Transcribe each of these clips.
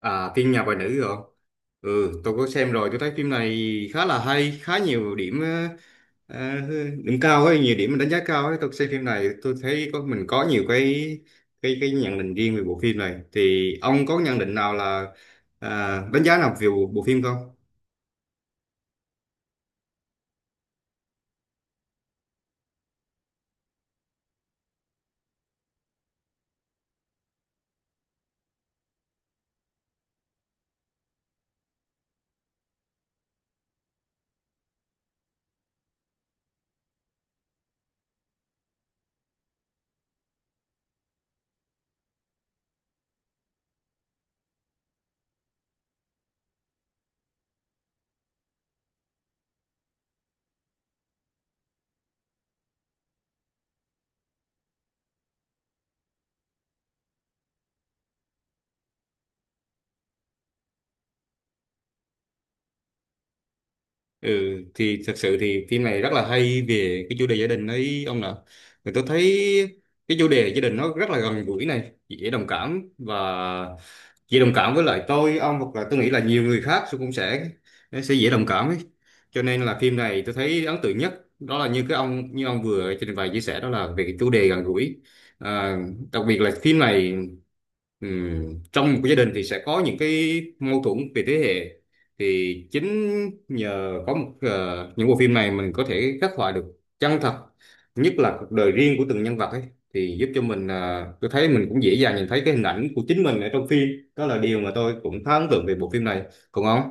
À, phim Nhà bà nữ rồi. Ừ, tôi có xem rồi, tôi thấy phim này khá là hay, khá nhiều điểm ờ, điểm cao ấy, nhiều điểm đánh giá cao ấy. Tôi xem phim này, tôi thấy có mình có nhiều cái nhận định riêng về bộ phim này. Thì ông có nhận định nào là đánh giá nào về bộ phim không? Ừ, thì thật sự thì phim này rất là hay về cái chủ đề gia đình ấy ông nè. Thì tôi thấy cái chủ đề gia đình nó rất là gần gũi này, dễ đồng cảm và chị đồng cảm với lại tôi ông, hoặc là tôi nghĩ là nhiều người khác cũng sẽ sẽ dễ đồng cảm ấy. Cho nên là phim này tôi thấy ấn tượng nhất đó là như cái ông, như ông vừa trình bày chia sẻ, đó là về cái chủ đề gần gũi, à, đặc biệt là phim này. Ừ. Trong một cái gia đình thì sẽ có những cái mâu thuẫn về thế hệ, thì chính nhờ có một những bộ phim này mình có thể khắc họa được chân thật nhất là cuộc đời riêng của từng nhân vật ấy, thì giúp cho mình, tôi thấy mình cũng dễ dàng nhìn thấy cái hình ảnh của chính mình ở trong phim. Đó là điều mà tôi cũng khá ấn tượng về bộ phim này, còn ông?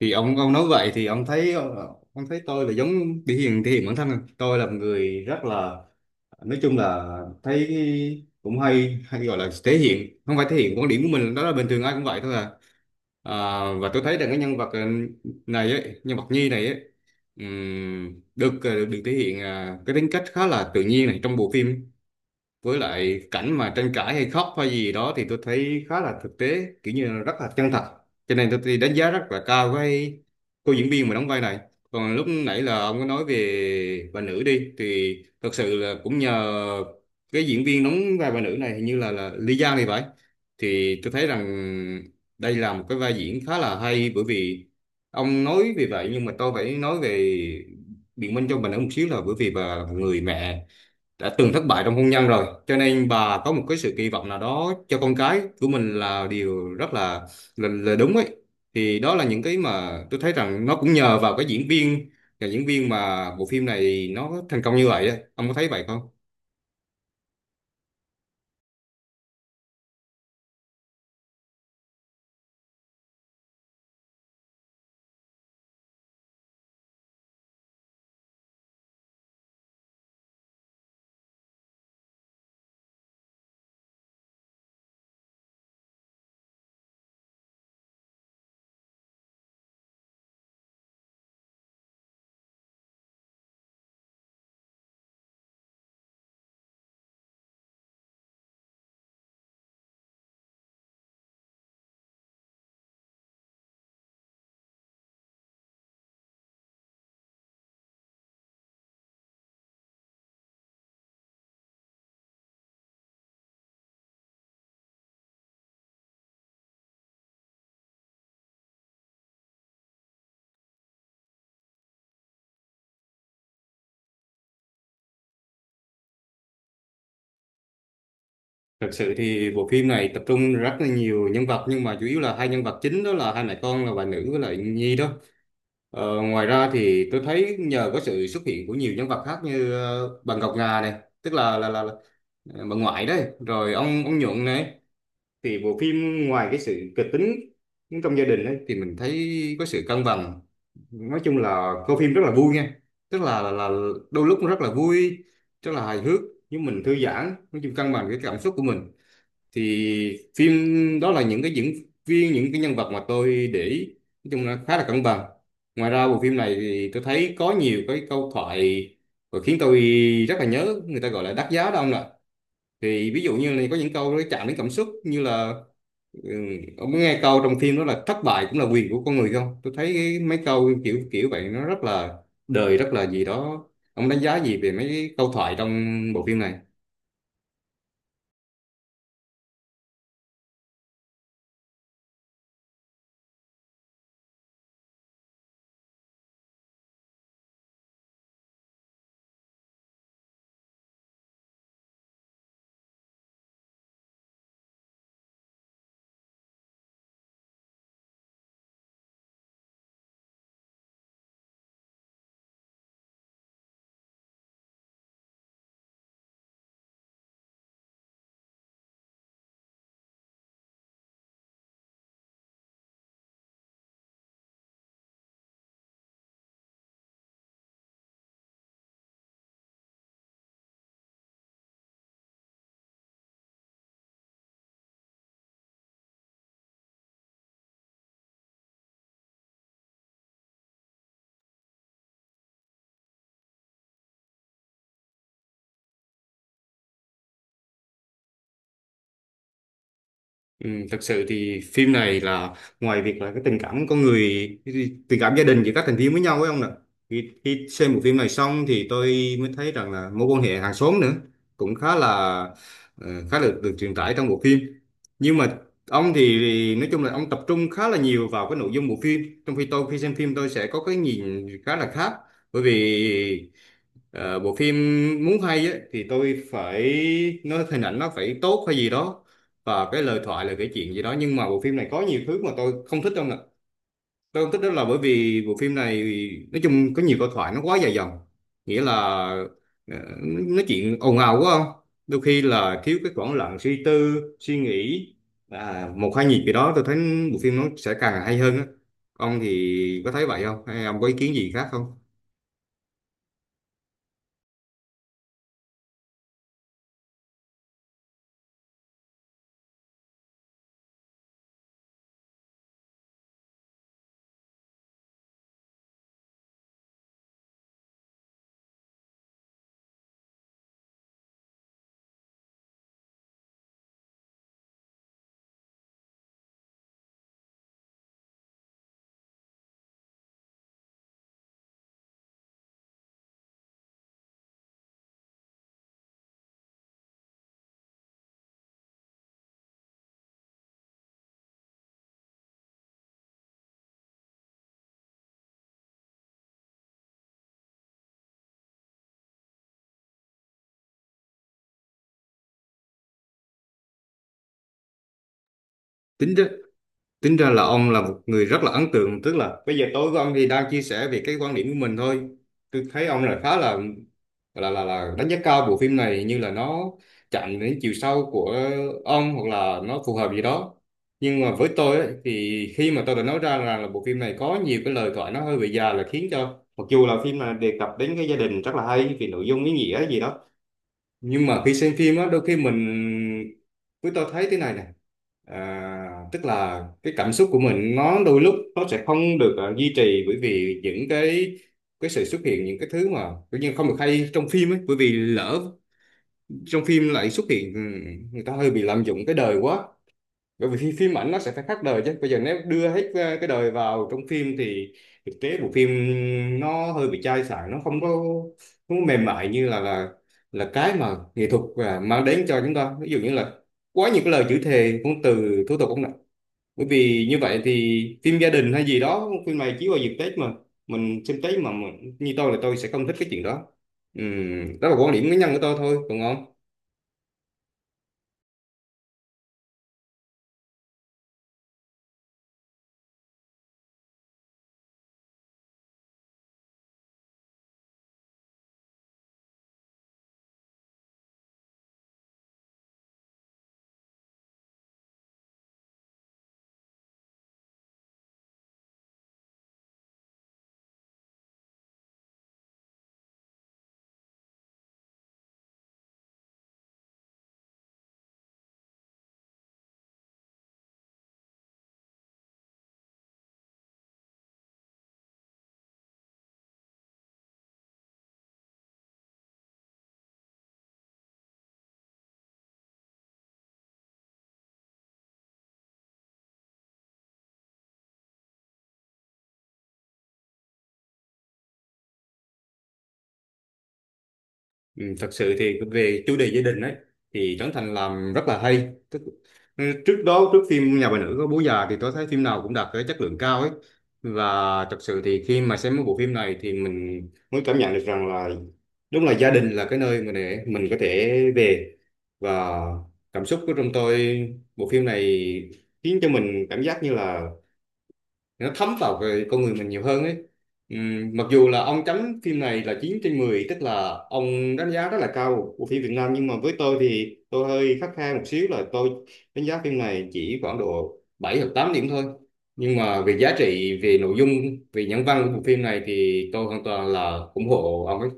Thì ông nói vậy thì ông thấy ông thấy tôi là giống thể hiện bản thân à? Tôi là một người rất là, nói chung là thấy cũng hay, hay gọi là thể hiện, không phải, thể hiện quan điểm của mình đó là bình thường ai cũng vậy thôi à. À, và tôi thấy rằng cái nhân vật, này ấy, nhân vật Nhi này ấy, được được thể hiện, cái tính cách khá là tự nhiên này trong bộ phim, với lại cảnh mà tranh cãi hay khóc hay gì đó thì tôi thấy khá là thực tế, kiểu như là rất là chân thật. Cho nên tôi đánh giá rất là cao với cô diễn viên mà đóng vai này. Còn lúc nãy là ông có nói về bà nữ đi, thì thật sự là cũng nhờ cái diễn viên đóng vai bà nữ này, hình như là Lý Giang thì phải. Thì tôi thấy rằng đây là một cái vai diễn khá là hay, bởi vì ông nói vì vậy nhưng mà tôi phải nói về, biện minh cho bà nữ một xíu, là bởi vì bà là một người mẹ đã từng thất bại trong hôn nhân rồi, cho nên bà có một cái sự kỳ vọng nào đó cho con cái của mình là điều rất là đúng ấy. Thì đó là những cái mà tôi thấy rằng nó cũng nhờ vào cái diễn viên, và diễn viên mà bộ phim này nó thành công như vậy ấy. Ông có thấy vậy không? Thực sự thì bộ phim này tập trung rất là nhiều nhân vật, nhưng mà chủ yếu là hai nhân vật chính đó là hai mẹ con là bà nữ với lại Nhi đó. Ngoài ra thì tôi thấy nhờ có sự xuất hiện của nhiều nhân vật khác như bà Ngọc Ngà này, tức là bà ngoại đấy, rồi ông Nhuận này, thì bộ phim ngoài cái sự kịch tính trong gia đình ấy, thì mình thấy có sự cân bằng. Nói chung là coi phim rất là vui nha, tức là đôi lúc nó rất là vui, rất là hài hước, nhưng mình thư giãn, nói chung cân bằng cái cảm xúc của mình. Thì phim, đó là những cái diễn viên, những cái nhân vật mà tôi để ý, nói chung là khá là cân bằng. Ngoài ra bộ phim này thì tôi thấy có nhiều cái câu thoại và khiến tôi rất là nhớ, người ta gọi là đắt giá đó ông ạ. Thì ví dụ như là có những câu nó chạm đến cảm xúc, như là, ừ, ông có nghe câu trong phim đó là thất bại cũng là quyền của con người không? Tôi thấy cái, mấy câu kiểu kiểu vậy nó rất là đời, rất là gì đó. Ông đánh giá gì về mấy cái câu thoại trong bộ phim này? Ừ, thật sự thì phim này là, ngoài việc là cái tình cảm con người, cái tình cảm gia đình giữa các thành viên với nhau ấy ông nè, khi xem bộ phim này xong thì tôi mới thấy rằng là mối quan hệ hàng xóm nữa cũng khá là, khá là được truyền tải trong bộ phim. Nhưng mà ông thì nói chung là ông tập trung khá là nhiều vào cái nội dung bộ phim, trong khi tôi khi xem phim tôi sẽ có cái nhìn khá là khác, bởi vì bộ phim muốn hay ấy, thì tôi phải nói hình ảnh nó phải tốt hay gì đó, và cái lời thoại là cái chuyện gì đó. Nhưng mà bộ phim này có nhiều thứ mà tôi không thích đâu nè. Tôi không thích đó là bởi vì bộ phim này, nói chung có nhiều câu thoại nó quá dài dòng, nghĩa là ờ, nói chuyện ồn ào quá, không đôi khi là thiếu cái khoảng lặng suy tư suy nghĩ, một hai nhịp gì đó, tôi thấy bộ phim nó sẽ càng hay hơn á. Ông thì có thấy vậy không, hay ông có ý kiến gì khác không? Tính đó. Tính ra là ông là một người rất là ấn tượng, tức là bây giờ tối của ông thì đang chia sẻ về cái quan điểm của mình thôi. Tôi thấy ông là khá là là đánh giá cao bộ phim này, như là nó chạm đến chiều sâu của ông, hoặc là nó phù hợp gì đó. Nhưng mà với tôi ấy, thì khi mà tôi đã nói ra rằng là bộ phim này có nhiều cái lời thoại nó hơi bị già, là khiến cho mặc dù là phim là đề cập đến cái gia đình rất là hay vì nội dung ý nghĩa gì đó, nhưng mà khi xem phim á, đôi khi mình, với tôi thấy thế này nè, tức là cái cảm xúc của mình nó đôi lúc nó sẽ không được, duy trì, bởi vì những cái sự xuất hiện những cái thứ mà tự nhiên không được hay trong phim ấy, bởi vì lỡ trong phim lại xuất hiện, người ta hơi bị lạm dụng cái đời quá, bởi vì phim ảnh nó sẽ phải khác đời chứ, bây giờ nếu đưa hết cái đời vào trong phim thì thực tế bộ phim nó hơi bị chai sạn, nó không có mềm mại như là cái mà nghệ thuật mang đến cho chúng ta, ví dụ như là quá nhiều cái lời chữ thề, ngôn từ thô tục không nè. Bởi vì như vậy thì phim gia đình hay gì đó, phim này chiếu vào dịp Tết mà, mình xem Tết mà mình, như tôi là tôi sẽ không thích cái chuyện đó. Đó là quan điểm cá nhân của tôi thôi, còn không. Ừ, thật sự thì về chủ đề gia đình ấy thì Trấn Thành làm rất là hay. Ừ, trước đó trước phim Nhà bà nữ có Bố già, thì tôi thấy phim nào cũng đạt cái chất lượng cao ấy. Và thật sự thì khi mà xem một bộ phim này thì mình mới cảm nhận được rằng là, đúng là gia đình là cái nơi mà để mình có thể về, và cảm xúc của trong tôi, bộ phim này khiến cho mình cảm giác như là nó thấm vào cái con người mình nhiều hơn ấy. Mặc dù là ông chấm phim này là 9/10, tức là ông đánh giá rất là cao của phim Việt Nam, nhưng mà với tôi thì tôi hơi khắt khe một xíu, là tôi đánh giá phim này chỉ khoảng độ 7 hoặc 8 điểm thôi, nhưng mà về giá trị, về nội dung, về nhân văn của bộ phim này thì tôi hoàn toàn là ủng hộ ông ấy.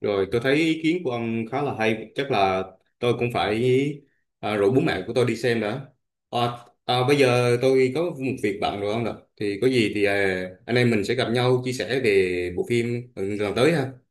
Rồi, tôi thấy ý kiến của ông khá là hay, chắc là tôi cũng phải, rủ bố mẹ của tôi đi xem đã. À, bây giờ tôi có một việc bận rồi ông ạ. Thì có gì thì, anh em mình sẽ gặp nhau chia sẻ về bộ phim, lần tới ha.